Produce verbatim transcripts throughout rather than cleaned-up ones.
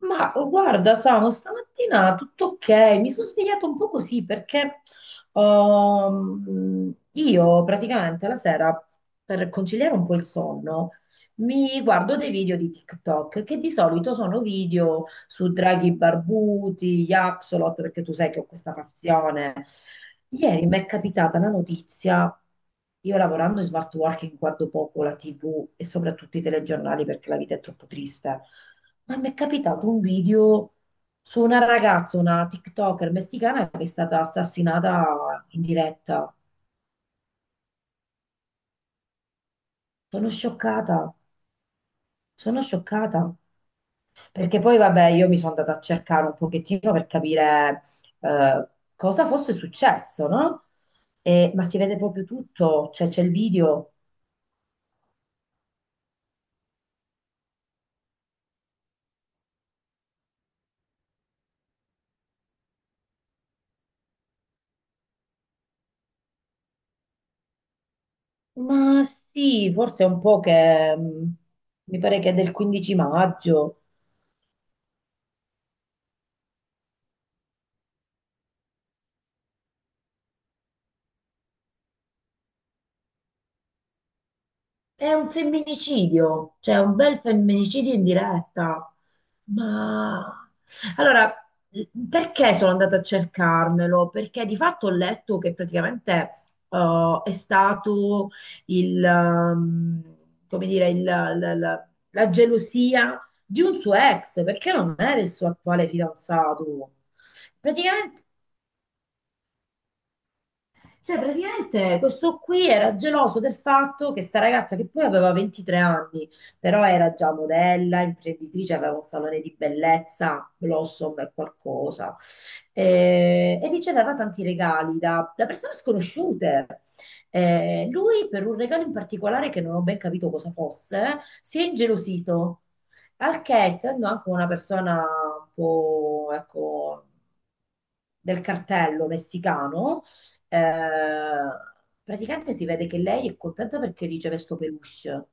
Ma oh, guarda, Samu, stamattina tutto ok, mi sono svegliata un po' così perché ehm, io praticamente la sera per conciliare un po' il sonno mi guardo dei video di TikTok che di solito sono video su draghi barbuti, gli Axolot, perché tu sai che ho questa passione. Ieri mi è capitata la notizia, io lavorando in smart working guardo poco la T V e soprattutto i telegiornali perché la vita è troppo triste, ma mi è capitato un video su una ragazza, una TikToker messicana che è stata assassinata in diretta. Sono scioccata, sono scioccata, perché poi vabbè io mi sono andata a cercare un pochettino per capire eh, cosa fosse successo, no? E- ma si vede proprio tutto, cioè c'è il video. Ma sì, forse è un po' che mh, mi pare che è del quindici maggio. È un femminicidio, cioè un bel femminicidio in diretta. Ma allora, mm, perché sono andata a cercarmelo? Perché di fatto ho letto che praticamente eh, è stato il, ehm, come dire, il- la, la- la gelosia di un suo ex, perché non era il suo attuale fidanzato. Praticamente Cioè, praticamente questo qui era geloso del fatto che sta ragazza, che poi aveva ventitré anni, però era già modella, imprenditrice, aveva un salone di bellezza, Blossom e qualcosa, eh, e riceveva tanti regali da, da persone sconosciute. Eh, lui, per un regalo in particolare che non ho ben capito cosa fosse, si è ingelosito. Al che, essendo anche una persona un po', ecco, del cartello messicano, eh, praticamente si vede che lei è contenta perché riceve sto peluche.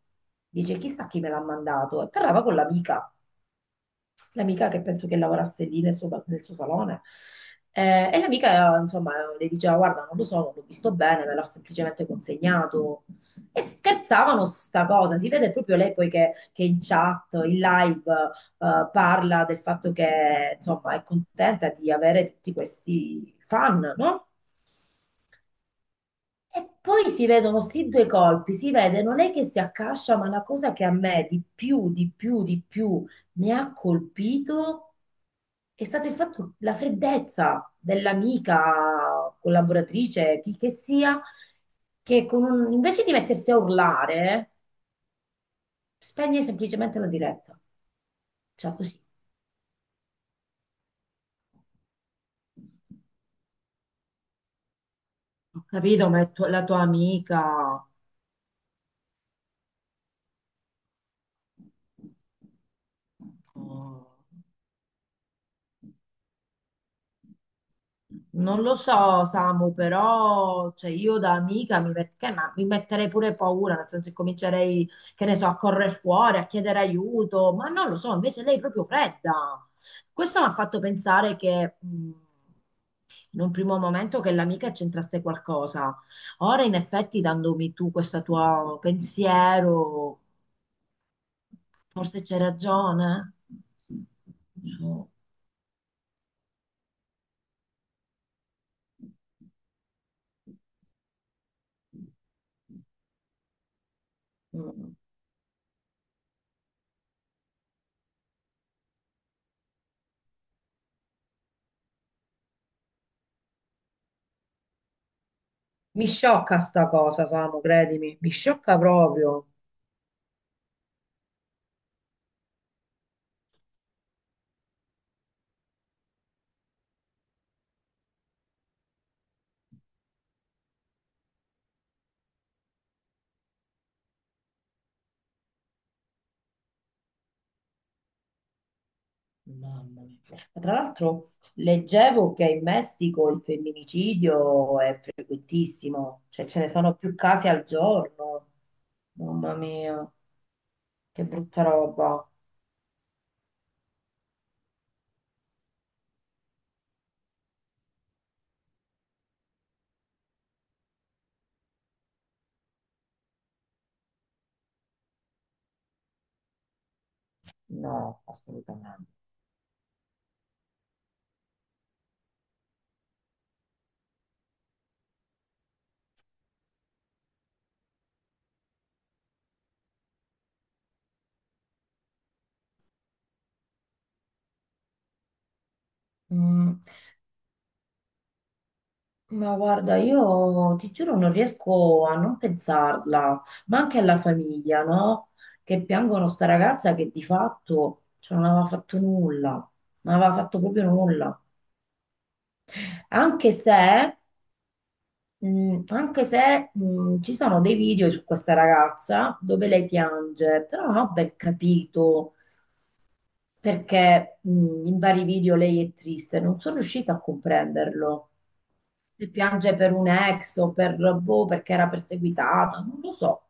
Dice, chissà chi me l'ha mandato. E parlava con l'amica, l'amica che penso che lavorasse lì nel suo, nel suo salone. Eh, e l'amica, insomma, le diceva, guarda, non lo so, non l'ho visto bene, me l'ha semplicemente consegnato. E scherzavano su sta cosa. Si vede proprio lei poi che, che in chat, in live, eh, parla del fatto che, insomma, è contenta di avere tutti questi fan, no? E poi si vedono sì due colpi, si vede, non è che si accascia, ma la cosa che a me di più, di più, di più mi ha colpito è stato il fatto, la freddezza dell'amica collaboratrice, chi che sia, che con un- invece di mettersi a urlare, spegne semplicemente la diretta. Cioè così. Ho capito, ma è tu- la tua amica. Mm. Non lo so, Samu, però cioè, io da amica mi, met- che- ma mi metterei pure paura, nel senso che comincerei, che ne so, a correre fuori, a chiedere aiuto, ma non lo so, invece lei è proprio fredda. Questo mi ha fatto pensare che mh, in un primo momento che l'amica c'entrasse qualcosa. Ora, in effetti, dandomi tu questo tuo pensiero, forse c'è ragione. Non so. Mi sciocca sta cosa, Samu, credimi, mi sciocca proprio. Mamma mia. Ma tra l'altro leggevo che in Messico il femminicidio è frequentissimo, cioè ce ne sono più casi al giorno. Mamma mia, che brutta roba. No, assolutamente. Mm. Ma guarda, io ti giuro non riesco a non pensarla, ma anche alla famiglia, no? Che piangono sta ragazza che di fatto cioè, non aveva fatto nulla, non aveva fatto proprio nulla. Anche se, mh, anche se mh, ci sono dei video su questa ragazza dove lei piange, però non ho ben capito perché mh, in vari video lei è triste, non sono riuscita a comprenderlo. Se piange per un ex o per, boh, perché era perseguitata, non lo so.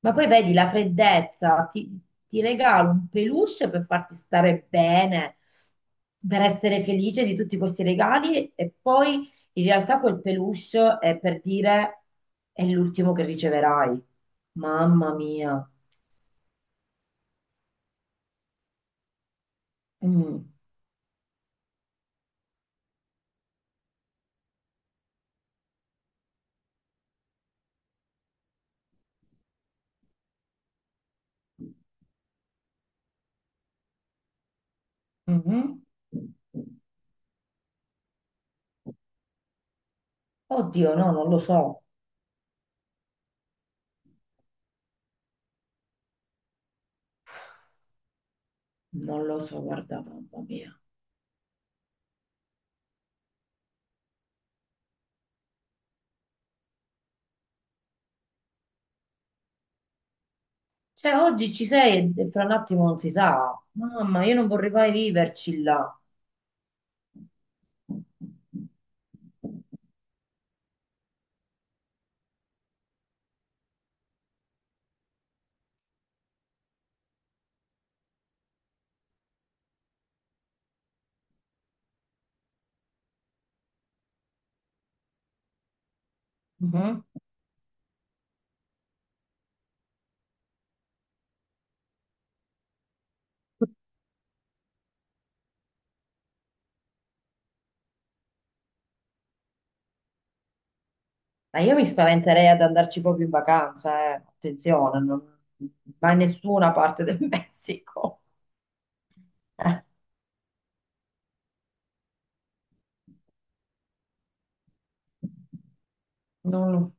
Ma poi vedi la freddezza, ti, ti regalo un peluche per farti stare bene, per essere felice di tutti questi regali e poi in realtà quel peluche è per dire è l'ultimo che riceverai. Mamma mia. Mm. Mhm. Oddio, no, non lo so, non lo so, guarda, mamma mia. Cioè, oggi ci sei e fra un attimo non si sa. Mamma, io non vorrei mai viverci là. Mhm. Ma io mi spaventerei ad andarci proprio in vacanza, eh. Attenzione, non mai nessuna parte del Messico. Non-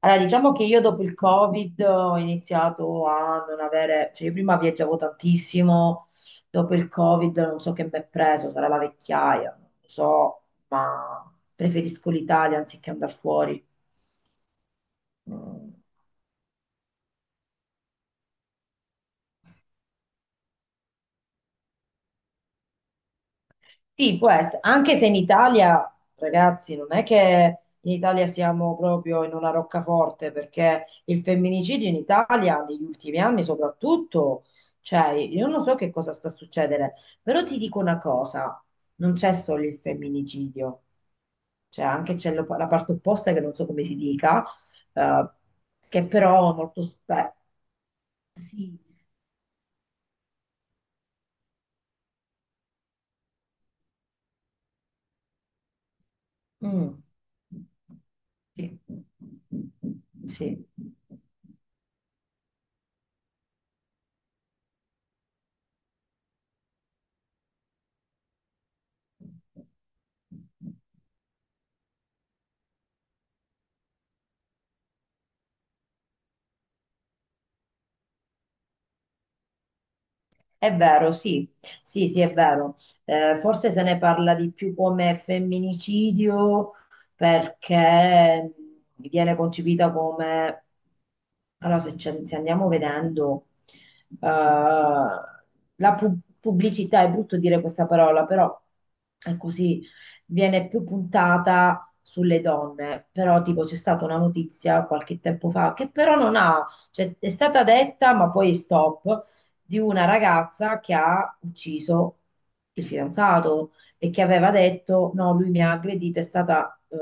Allora, diciamo che io dopo il Covid ho iniziato a non avere, cioè io prima viaggiavo tantissimo, dopo il Covid non so che mi è preso, sarà la vecchiaia, non lo so, ma preferisco l'Italia anziché andare fuori. Mm. Sì, può essere, anche se in Italia, ragazzi, non è che in Italia siamo proprio in una roccaforte, perché il femminicidio in Italia, negli ultimi anni soprattutto, cioè, io non so che cosa sta succedendo, però ti dico una cosa, non c'è solo il femminicidio, cioè anche c'è lo- la parte opposta che non so come si dica, eh, che però molto spesso. Sì. Mm. Sì. Sì. È vero, sì, sì, sì, è vero. Eh, forse se ne parla di più come femminicidio perché viene concepita come. Allora, se, ci- se andiamo vedendo, eh, la pu- pubblicità, è brutto dire questa parola, però è così, viene più puntata sulle donne, però tipo c'è stata una notizia qualche tempo fa che però non ha, cioè è stata detta ma poi stop di una ragazza che ha ucciso il fidanzato e che aveva detto no, lui mi ha aggredito, è stata, eh,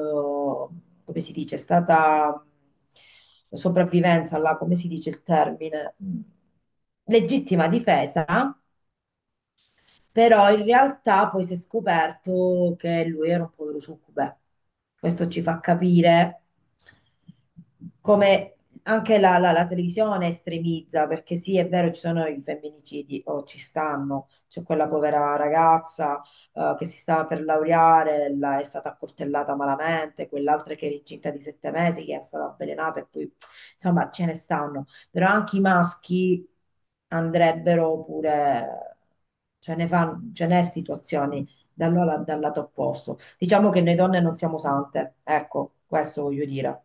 come si dice, è stata sopravvivenza, là, come si dice il termine, legittima difesa però in realtà poi si è scoperto che lui era un povero succube. Questo ci fa capire come anche la, la- la televisione estremizza, perché sì, è vero, ci sono i femminicidi, o ci stanno, c'è quella povera ragazza eh, che si stava per laureare, la- è stata accoltellata malamente, quell'altra che era incinta di sette mesi, che è stata avvelenata, e poi insomma ce ne stanno però anche i maschi andrebbero pure, ce ne fan- ce n'è situazioni dal, la- dal lato opposto. Diciamo che noi donne non siamo sante, ecco, questo voglio dire.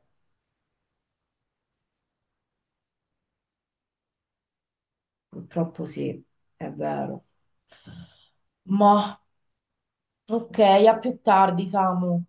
Purtroppo sì, è vero. Ma ok, a più tardi, Samu.